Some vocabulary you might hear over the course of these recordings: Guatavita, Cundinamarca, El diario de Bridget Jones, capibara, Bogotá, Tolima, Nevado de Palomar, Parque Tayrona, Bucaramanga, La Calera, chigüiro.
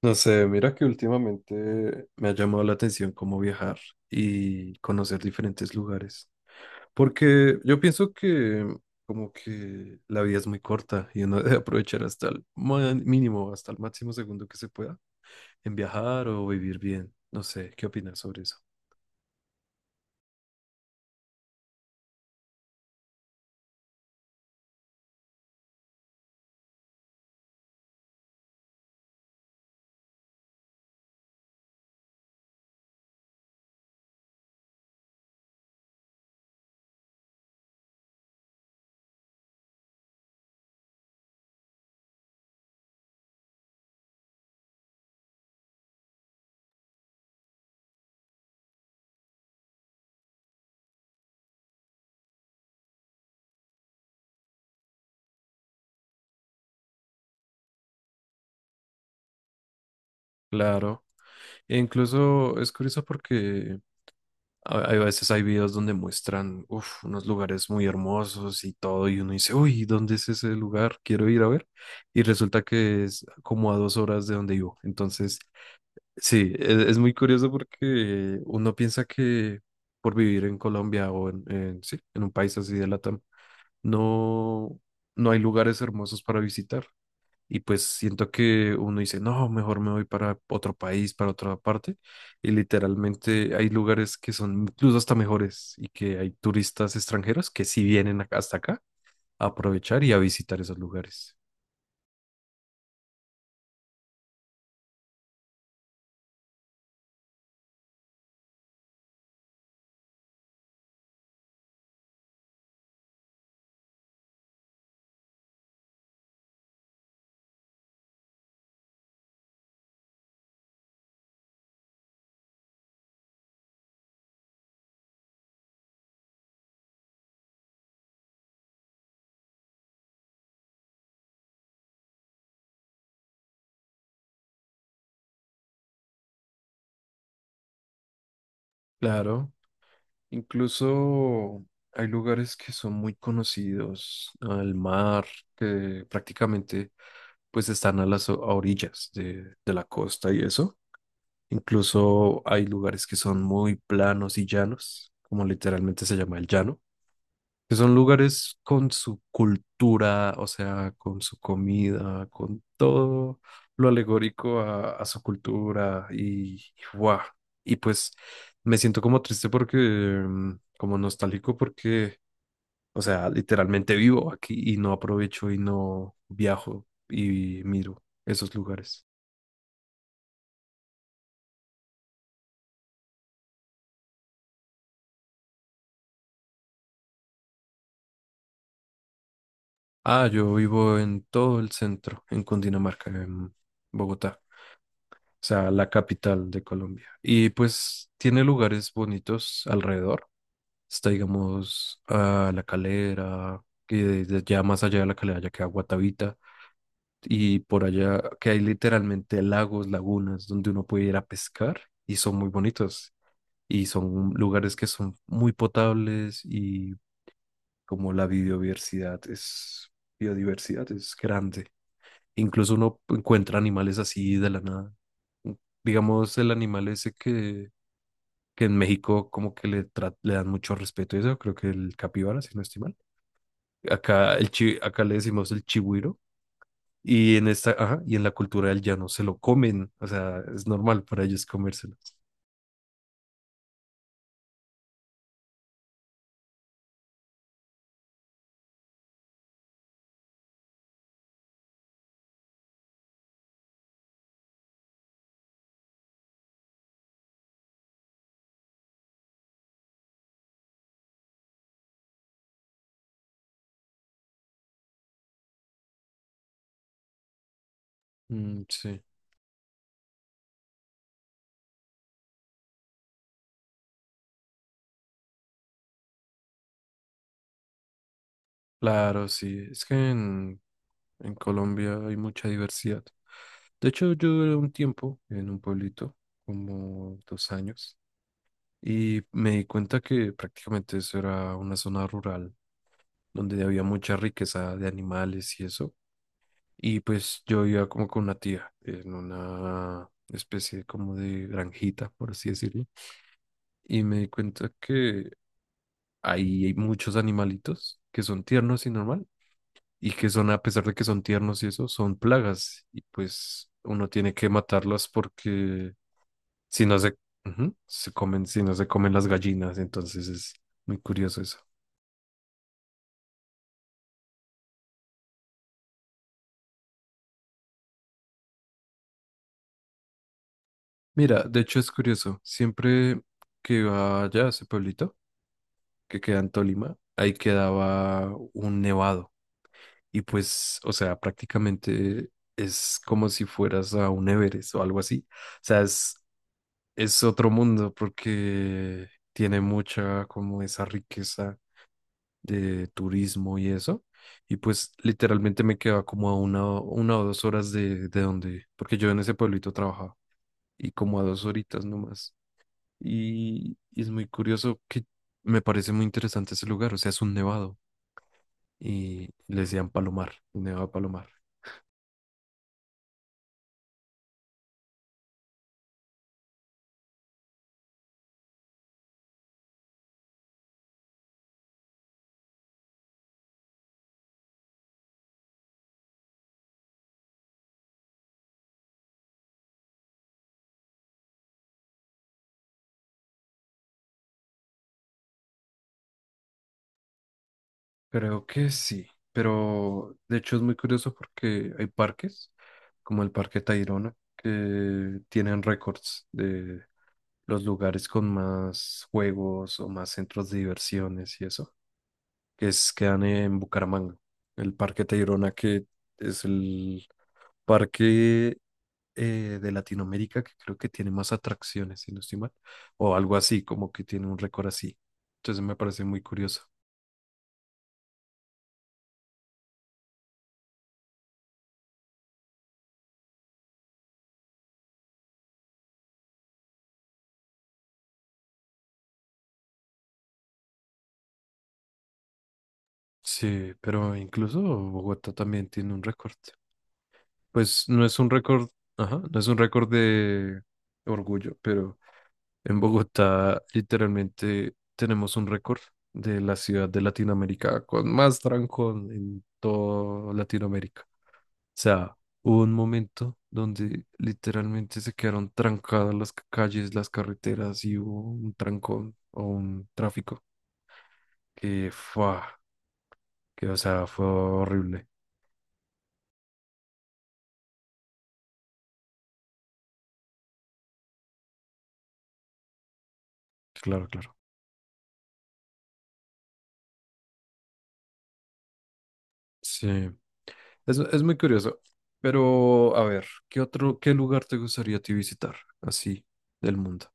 No sé, mira que últimamente me ha llamado la atención cómo viajar y conocer diferentes lugares. Porque yo pienso que como que la vida es muy corta y uno debe aprovechar hasta mínimo, hasta el máximo segundo que se pueda en viajar o vivir bien. No sé, ¿qué opinas sobre eso? Claro. E incluso es curioso porque A hay veces hay videos donde muestran uf, unos lugares muy hermosos y todo, y uno dice, uy, ¿dónde es ese lugar? Quiero ir a ver. Y resulta que es como a 2 horas de donde vivo. Entonces, sí, es muy curioso porque uno piensa que por vivir en Colombia sí, en un país así de Latam, no, no hay lugares hermosos para visitar. Y pues siento que uno dice, no, mejor me voy para otro país, para otra parte. Y literalmente hay lugares que son incluso hasta mejores y que hay turistas extranjeros que sí hasta acá a aprovechar y a visitar esos lugares. Claro, incluso hay lugares que son muy conocidos al mar, que prácticamente pues están a a orillas de la costa y eso. Incluso hay lugares que son muy planos y llanos, como literalmente se llama el llano, que son lugares con su cultura, o sea, con su comida, con todo lo alegórico a su cultura y, ¡guau! Y pues me siento como triste porque, como nostálgico porque, o sea, literalmente vivo aquí y no aprovecho y no viajo y miro esos lugares. Ah, yo vivo en todo el centro, en Cundinamarca, en Bogotá, o sea, la capital de Colombia. Y pues tiene lugares bonitos alrededor. Está, digamos, a La Calera, y desde ya más allá de La Calera ya queda Guatavita. Y por allá que hay literalmente lagos, lagunas, donde uno puede ir a pescar y son muy bonitos. Y son lugares que son muy potables y como la biodiversidad es grande. Incluso uno encuentra animales así de la nada. Mm, digamos, el animal que en México como que le dan mucho respeto y eso, creo que el capibara, si no estoy mal. Acá, acá le decimos el chigüiro y en esta, ajá, y en la cultura del llano se lo comen, o sea, es normal para ellos comérselo. Mm, sí, claro, sí. En Colombia hay mucha diversidad. De hecho, yo duré un tiempo en un pueblito, como 2 años. Y me di cuenta que prácticamente eso era una zona rural donde había mucha riqueza de animales y eso. Y pues yo iba como con una tía en una especie como de granjita, por así decirlo. Y me di cuenta que ahí hay muchos animalitos que son tiernos y normal. Y que son, a pesar de que son tiernos y eso, son plagas. Y pues uno tiene que matarlas porque si no se, ujú, se comen, si no se comen las gallinas, entonces es muy curioso eso. Mira, de hecho es curioso, siempre que iba allá a ese pueblito que queda en Tolima, ahí quedaba un nevado y pues, o sea, prácticamente es como si fueras a un Everest o algo así. O sea, es otro mundo porque tiene mucha como esa riqueza de turismo y eso. Y pues literalmente me quedaba como a una o 2 horas de donde, porque yo en ese pueblito trabajaba y como a 2 horitas nomás. Y es muy curioso que me parece muy interesante ese lugar, o sea, es un nevado y le decían Palomar, el Nevado de Palomar. Creo que sí, pero de hecho es muy curioso porque hay parques, como el Parque Tayrona, que tienen récords de los lugares con más juegos o más centros de diversiones y eso, que es, quedan en Bucaramanga. El Parque Tayrona, que es el parque de Latinoamérica que creo que tiene más atracciones, si no estoy mal, o algo así, como que tiene un récord así. Entonces me parece muy curioso. Sí, pero incluso Bogotá también tiene un récord. Pues no es un récord, ajá, no es un récord de orgullo, pero en Bogotá literalmente tenemos un récord de la ciudad de Latinoamérica con más trancón en toda Latinoamérica. Sea, hubo un momento donde literalmente se quedaron trancadas calles, las carreteras y hubo un trancón o un tráfico que fue, que o sea, fue horrible. Claro, claro. Sí, es muy curioso. Pero, a ver, ¿qué otro, qué lugar te gustaría a ti visitar así del mundo?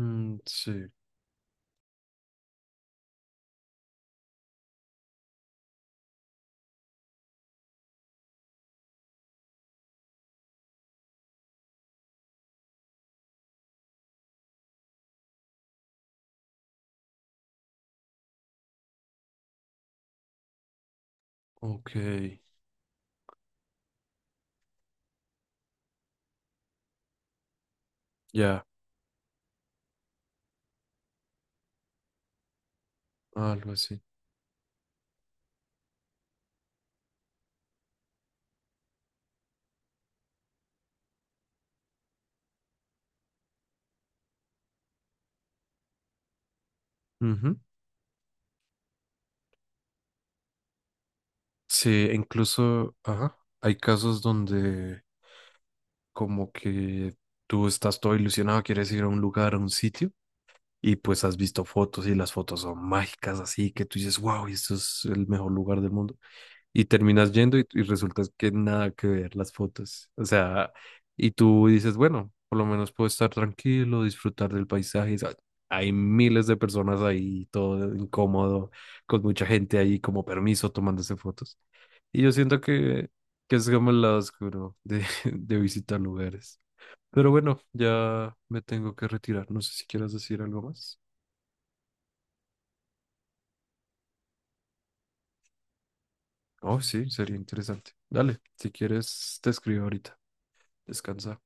Mm, sí, ok, ya, algo así. Ujú. Sí, incluso, ajá, hay casos donde como que tú estás todo ilusionado, quieres ir a un lugar, a un sitio, y pues has visto fotos y las fotos son mágicas, así que tú dices, wow, esto es el mejor lugar del mundo. Y terminas yendo y resulta que nada que ver las fotos. O sea, y tú dices, bueno, por lo menos puedo estar tranquilo, disfrutar del paisaje. Sa- hay miles de personas ahí, todo incómodo, con mucha gente ahí como permiso tomándose fotos. Y yo siento que es como el lado oscuro de, de visitar lugares. Pero bueno, ya me tengo que retirar. No sé si quieras decir algo más. Oh, sí, sería interesante. Dale, si quieres, te escribo ahorita. Descansa.